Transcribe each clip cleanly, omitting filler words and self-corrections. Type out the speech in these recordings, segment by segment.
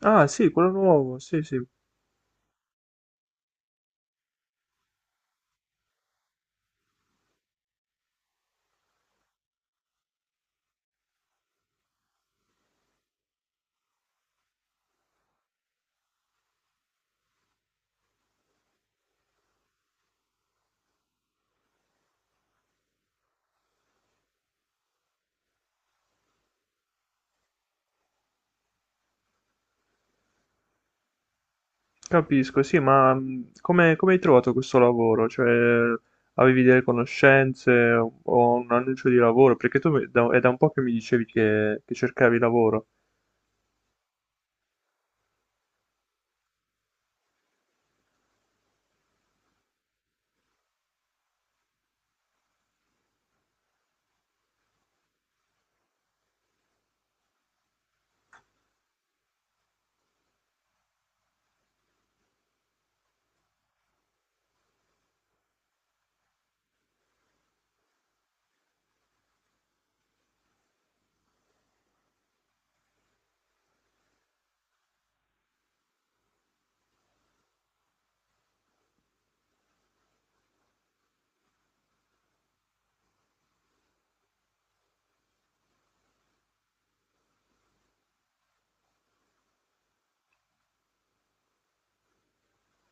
Ah, sì, quello nuovo, sì, sì, capisco, sì, ma come hai trovato questo lavoro? Cioè, avevi delle conoscenze o un annuncio di lavoro? Perché è da un po' che mi dicevi che cercavi lavoro.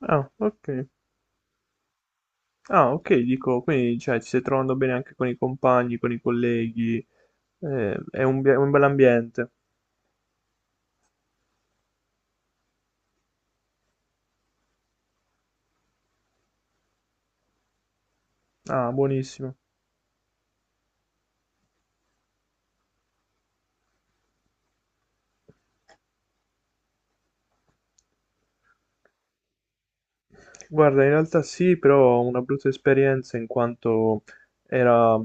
Ah, ok. Ah, ok, dico, quindi, cioè, ti stai trovando bene anche con i compagni, con i colleghi, è un, bel ambiente. Ah, buonissimo. Guarda, in realtà sì, però ho una brutta esperienza in quanto era,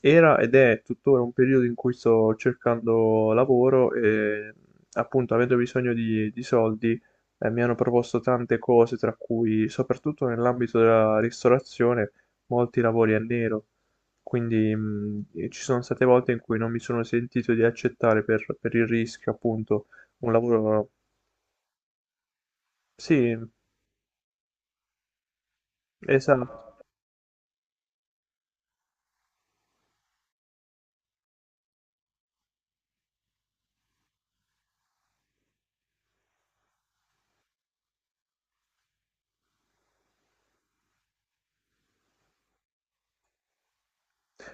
era ed è tuttora un periodo in cui sto cercando lavoro e appunto avendo bisogno di soldi mi hanno proposto tante cose, tra cui soprattutto nell'ambito della ristorazione molti lavori a nero. Quindi e ci sono state volte in cui non mi sono sentito di accettare per il rischio, appunto, un lavoro... Sì, esatto.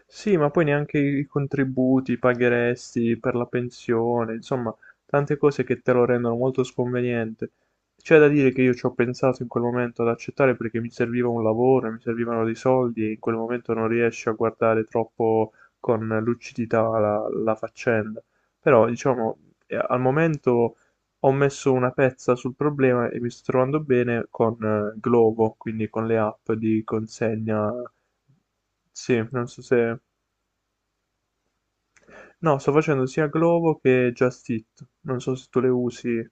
Sì, ma poi neanche i contributi i pagheresti per la pensione, insomma, tante cose che te lo rendono molto sconveniente. C'è da dire che io ci ho pensato in quel momento ad accettare perché mi serviva un lavoro, mi servivano dei soldi e in quel momento non riesci a guardare troppo con lucidità la faccenda. Però, diciamo, al momento ho messo una pezza sul problema e mi sto trovando bene con Glovo, quindi con le app di consegna sì, non so se... No, sto facendo sia Glovo che Just Eat. Non so se tu le usi.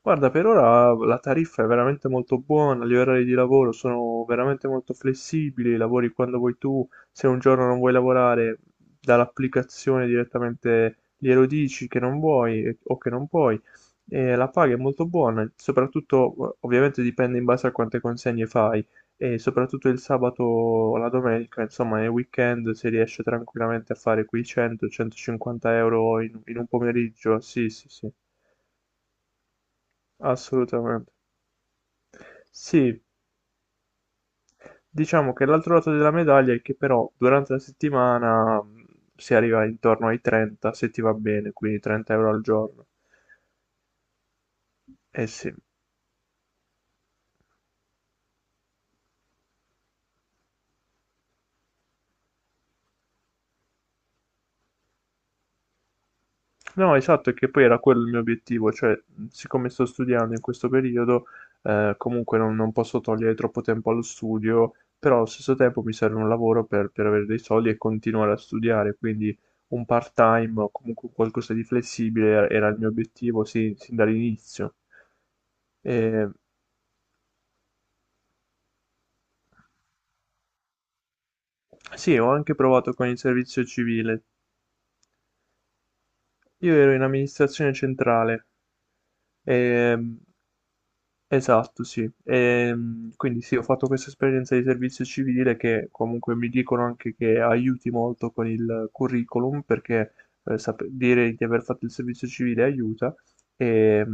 Guarda, per ora la tariffa è veramente molto buona, gli orari di lavoro sono veramente molto flessibili, lavori quando vuoi tu, se un giorno non vuoi lavorare, dall'applicazione direttamente glielo dici che non vuoi o che non puoi, e la paga è molto buona, soprattutto ovviamente dipende in base a quante consegne fai, e soprattutto il sabato o la domenica, insomma nel weekend si riesce tranquillamente a fare quei 100-150 euro in un pomeriggio, sì sì sì, assolutamente. Sì, diciamo che l'altro lato della medaglia è che però durante la settimana si arriva intorno ai 30 se ti va bene, quindi 30 euro al giorno. Eh sì. No, esatto, e che poi era quello il mio obiettivo, cioè siccome sto studiando in questo periodo, comunque non posso togliere troppo tempo allo studio, però allo stesso tempo mi serve un lavoro per avere dei soldi e continuare a studiare, quindi un part-time o comunque qualcosa di flessibile era il mio obiettivo sin dall'inizio. E, sì, ho anche provato con il servizio civile. Io ero in amministrazione centrale, ehm, esatto, sì. Quindi sì, ho fatto questa esperienza di servizio civile che comunque mi dicono anche che aiuti molto con il curriculum perché dire di aver fatto il servizio civile aiuta. E,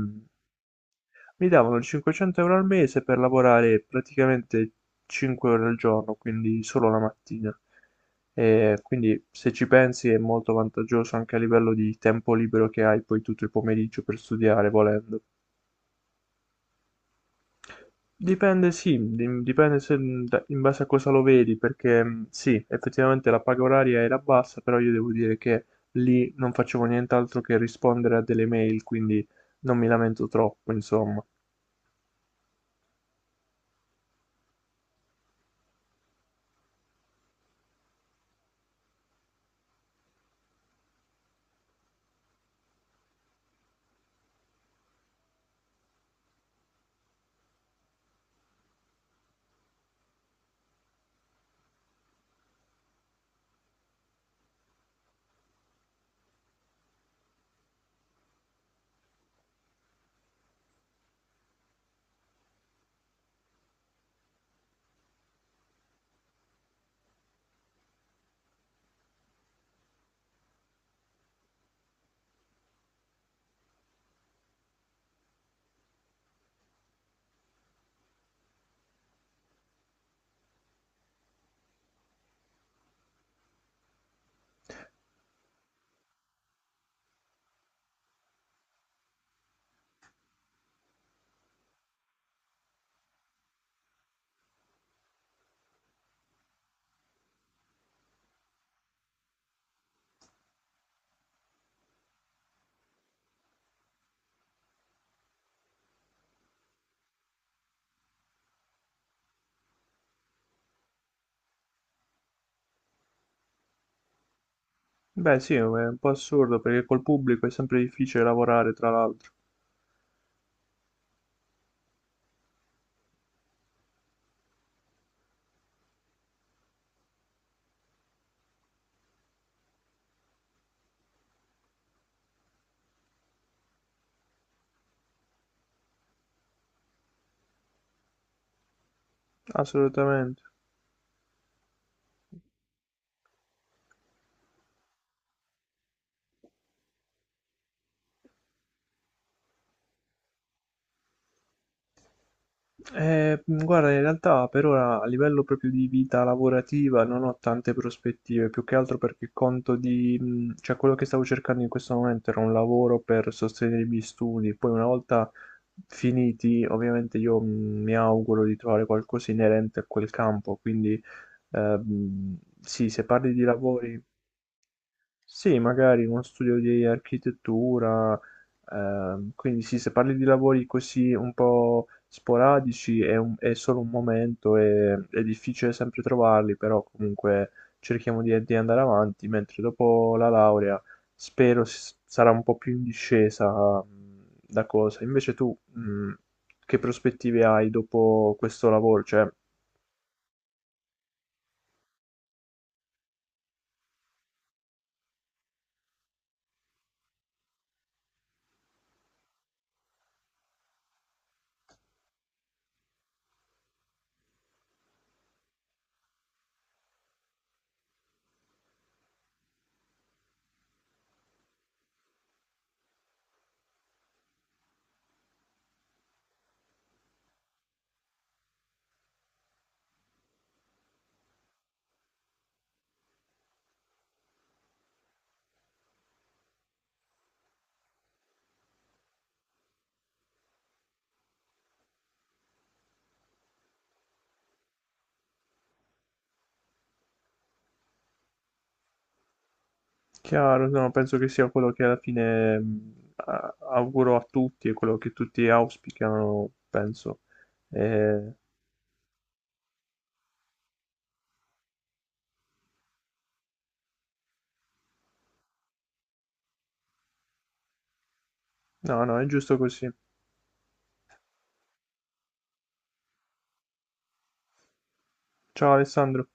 mi davano 500 euro al mese per lavorare praticamente 5 ore al giorno, quindi solo la mattina. E quindi se ci pensi è molto vantaggioso anche a livello di tempo libero che hai poi tutto il pomeriggio per studiare, volendo. Dipende, sì, di- dipende se da- in base a cosa lo vedi, perché sì, effettivamente la paga oraria era bassa, però io devo dire che lì non facevo nient'altro che rispondere a delle mail, quindi non mi lamento troppo, insomma. Beh, sì, è un po' assurdo perché col pubblico è sempre difficile lavorare, tra l'altro. Assolutamente. Guarda, in realtà per ora a livello proprio di vita lavorativa non ho tante prospettive, più che altro perché conto di... cioè quello che stavo cercando in questo momento era un lavoro per sostenere i miei studi, poi una volta finiti, ovviamente io mi auguro di trovare qualcosa inerente a quel campo, quindi sì, se parli di lavori... Sì, magari in uno studio di architettura, quindi sì, se parli di lavori così un po' sporadici è solo un momento e è difficile sempre trovarli, però comunque cerchiamo di andare avanti, mentre dopo la laurea spero sarà un po' più in discesa da cosa. Invece tu, che prospettive hai dopo questo lavoro? Cioè, chiaro, no, penso che sia quello che alla fine auguro a tutti e quello che tutti auspicano, penso. Eh, no, no, è giusto così. Ciao Alessandro.